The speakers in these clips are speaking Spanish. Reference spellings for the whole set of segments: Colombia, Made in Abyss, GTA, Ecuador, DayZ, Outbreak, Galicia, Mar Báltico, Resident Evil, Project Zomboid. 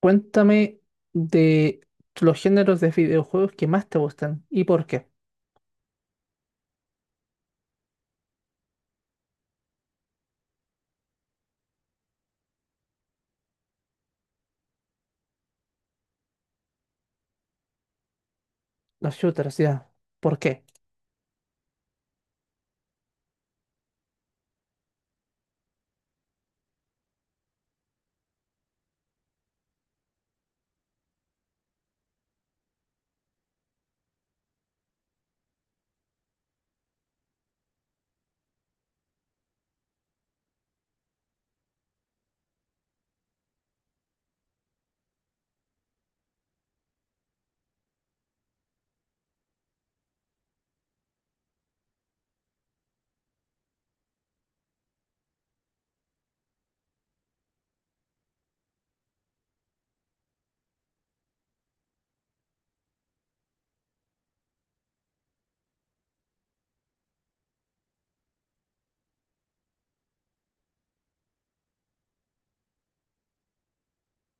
Cuéntame de los géneros de videojuegos que más te gustan y por qué. Los shooters, ya. ¿Por qué?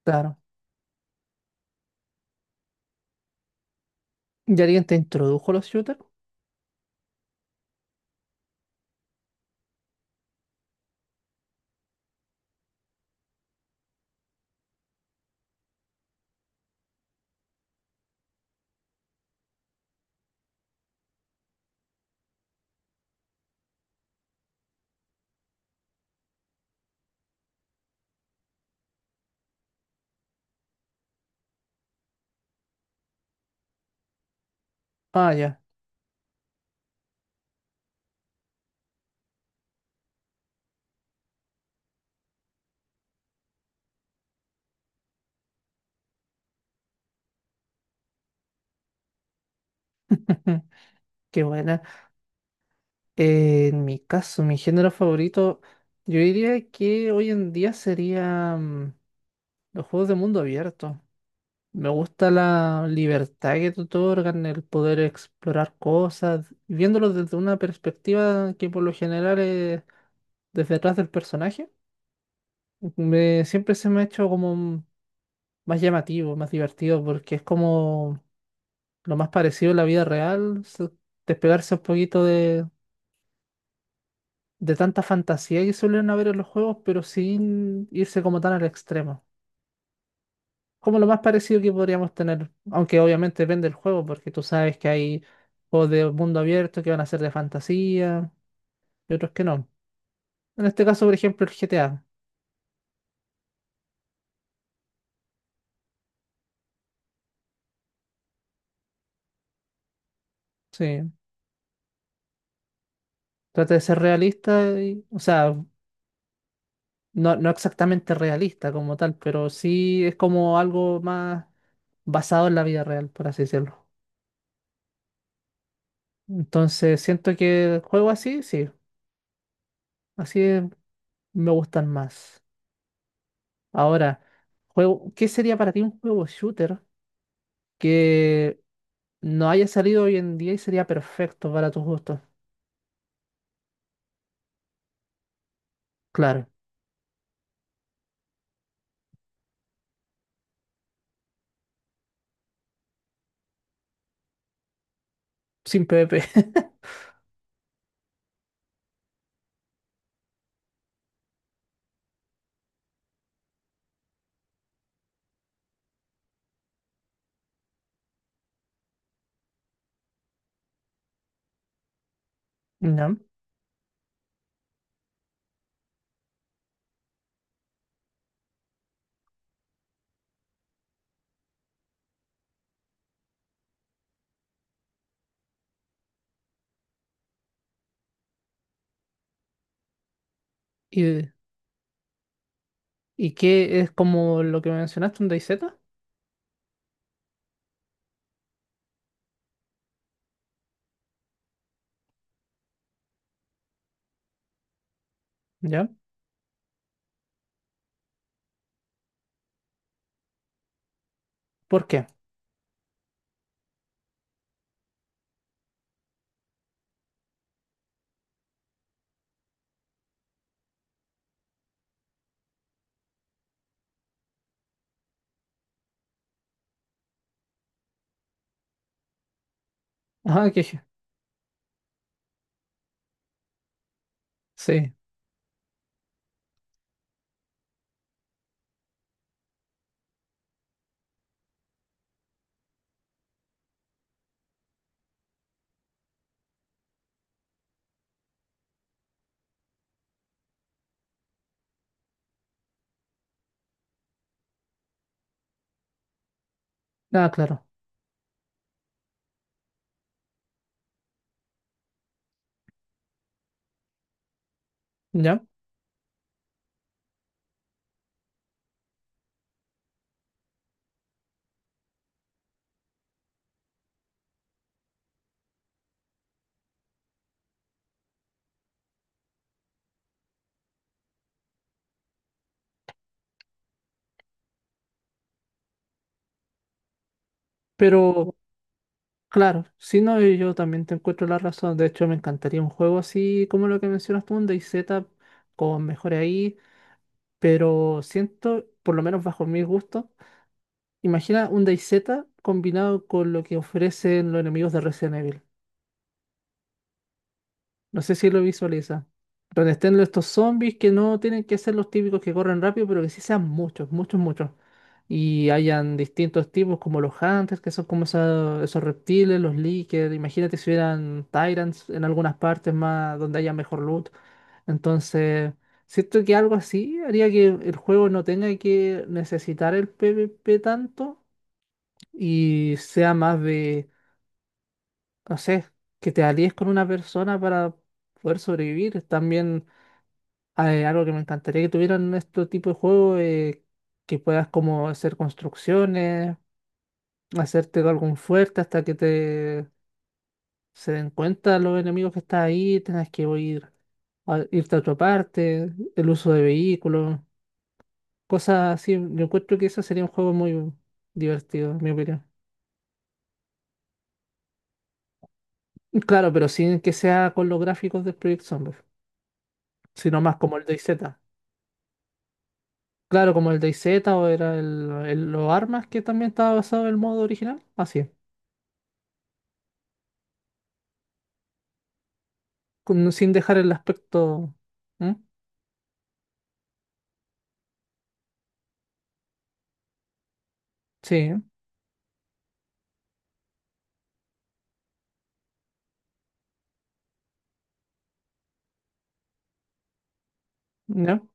Claro. ¿Ya alguien te introdujo los shooters? Ah, ya. Qué buena. En mi caso, mi género favorito, yo diría que hoy en día serían los juegos de mundo abierto. Me gusta la libertad que te otorgan, el poder explorar cosas, viéndolo desde una perspectiva que por lo general es desde atrás del personaje. Siempre se me ha hecho como más llamativo, más divertido, porque es como lo más parecido a la vida real, despegarse un poquito de tanta fantasía que suelen haber en los juegos, pero sin irse como tan al extremo. Como lo más parecido que podríamos tener, aunque obviamente depende del juego, porque tú sabes que hay juegos de mundo abierto que van a ser de fantasía y otros que no. En este caso, por ejemplo, el GTA. Sí, trata de ser realista, o sea, no, no exactamente realista como tal, pero sí es como algo más basado en la vida real, por así decirlo. Entonces, siento que juego así, sí, así es- me gustan más. Ahora, ¿qué sería para ti un juego shooter que no haya salido hoy en día y sería perfecto para tus gustos? Claro, sin PvP. ¿Ya? ¿Y, y qué es como lo que mencionaste, un DayZ? ¿Ya? ¿Por qué? Ah, que sí. Nada, claro. ¿Ya? Pero... Claro, si no, y yo también te encuentro la razón. De hecho, me encantaría un juego así como lo que mencionas tú, un DayZ con mejores ahí, pero siento, por lo menos bajo mis gustos, imagina un DayZ combinado con lo que ofrecen los enemigos de Resident Evil. No sé si lo visualiza. Donde estén estos zombies que no tienen que ser los típicos que corren rápido, pero que sí sean muchos, muchos, muchos. Y hayan distintos tipos, como los hunters, que son como esos reptiles, los leakers. Imagínate si hubieran tyrants en algunas partes más donde haya mejor loot. Entonces, siento que algo así haría que el juego no tenga que necesitar el PvP tanto y sea más, no sé, que te alíes con una persona para poder sobrevivir. También, algo que me encantaría que tuvieran este tipo de juego, que puedas como hacer construcciones, hacerte algún fuerte hasta que te se den cuenta los enemigos que estás ahí, tengas que ir irte a otra parte, el uso de vehículos, cosas así. Yo encuentro que eso sería un juego muy divertido, en mi opinión. Claro, pero sin que sea con los gráficos del Project Zomboid, sino más como el DayZ. Claro, como el DayZ o era el, los armas que también estaba basado en el modo original. Así es. Sin dejar el aspecto. ¿Mm? Sí, ¿no?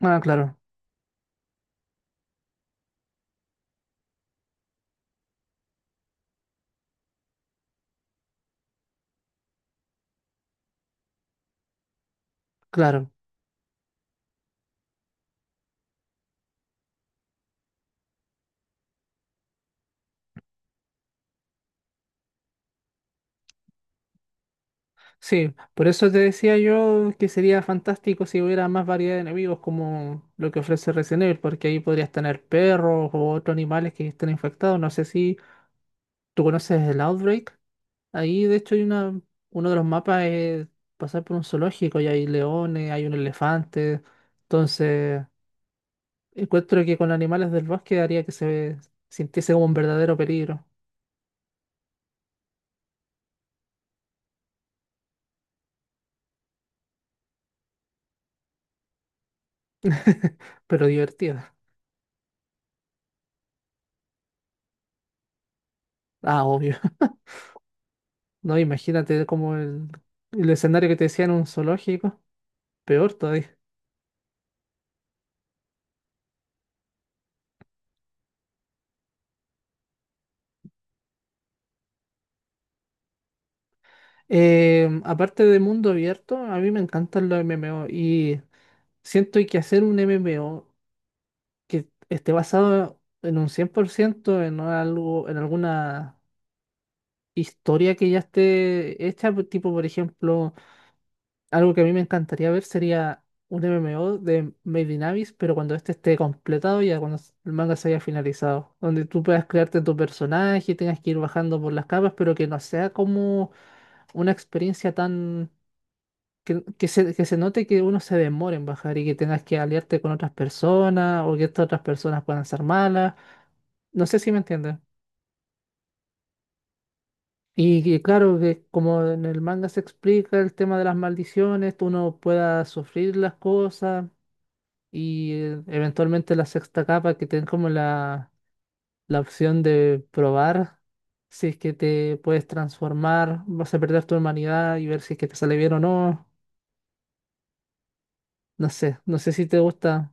Ah, claro, claro. Sí, por eso te decía yo que sería fantástico si hubiera más variedad de enemigos como lo que ofrece Resident Evil, porque ahí podrías tener perros o otros animales que estén infectados. No sé si tú conoces el Outbreak. Ahí, de hecho, uno de los mapas es pasar por un zoológico y hay leones, hay un elefante. Entonces. Encuentro que con animales del bosque haría que se sintiese como un verdadero peligro, pero divertido. Ah, obvio. No, imagínate como el escenario que te decía en un zoológico, peor todavía. Aparte de mundo abierto, a mí me encantan los MMO y siento que hacer un MMO que esté basado en un 100% en algo, en alguna historia que ya esté hecha, pues, tipo por ejemplo. Algo que a mí me encantaría ver sería un MMO de Made in Abyss, pero cuando este esté completado, ya cuando el manga se haya finalizado, donde tú puedas crearte tu personaje y tengas que ir bajando por las capas, pero que no sea como una experiencia tan... Que se note que uno se demore en bajar y que tengas que aliarte con otras personas o que estas otras personas puedan ser malas. No sé si me entiendes. Claro que como en el manga se explica el tema de las maldiciones, tú no puedas sufrir las cosas y, eventualmente la sexta capa que te den como la opción de probar si es que te puedes transformar, vas a perder tu humanidad y ver si es que te sale bien o no. No sé, no sé si te gusta.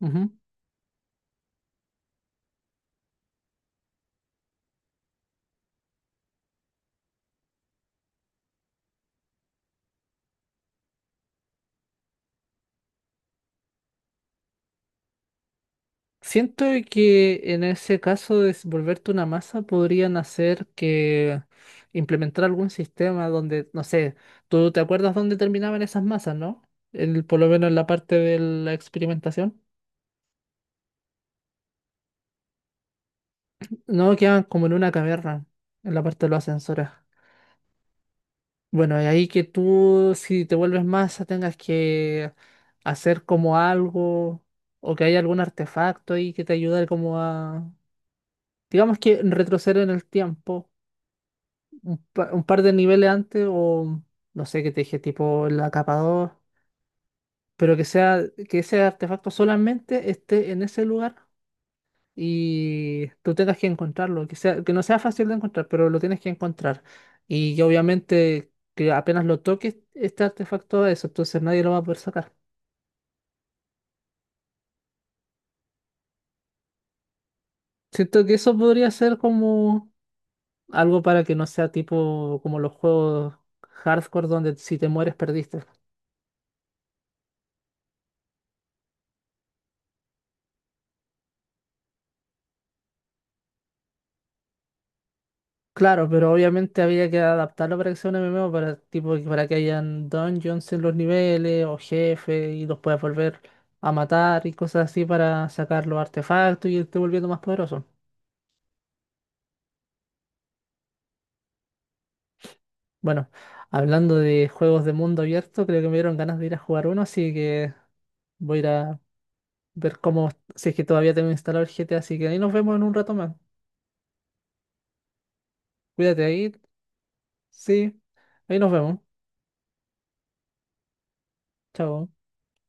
Ujú. Siento que en ese caso de volverte una masa podrían hacer que implementar algún sistema donde, no sé, tú te acuerdas dónde terminaban esas masas, ¿no? El, por lo menos en la parte de la experimentación. No, quedan como en una caverna, en la parte de los ascensores. Bueno, y ahí que tú, si te vuelves masa, tengas que hacer como algo, o que haya algún artefacto ahí que te ayude como a, digamos, que retroceder en el tiempo, un par de niveles antes, o no sé qué te dije, tipo la capa 2, pero que sea, que ese artefacto solamente esté en ese lugar y tú tengas que encontrarlo, que sea, que no sea fácil de encontrar, pero lo tienes que encontrar. Y que obviamente que apenas lo toques, este artefacto es eso, entonces nadie lo va a poder sacar. Siento que eso podría ser como algo para que no sea tipo como los juegos hardcore donde si te mueres perdiste. Claro, pero obviamente había que adaptarlo para que sea un MMO, para, tipo, para que hayan dungeons en los niveles o jefes y los puedas volver a matar y cosas así para sacar los artefactos y irte volviendo más poderoso. Bueno, hablando de juegos de mundo abierto, creo que me dieron ganas de ir a jugar uno, así que voy a ir a ver cómo, si es que todavía tengo instalado el GTA, así que ahí nos vemos en un rato más. Cuídate ahí, sí, ahí nos vemos. Chao.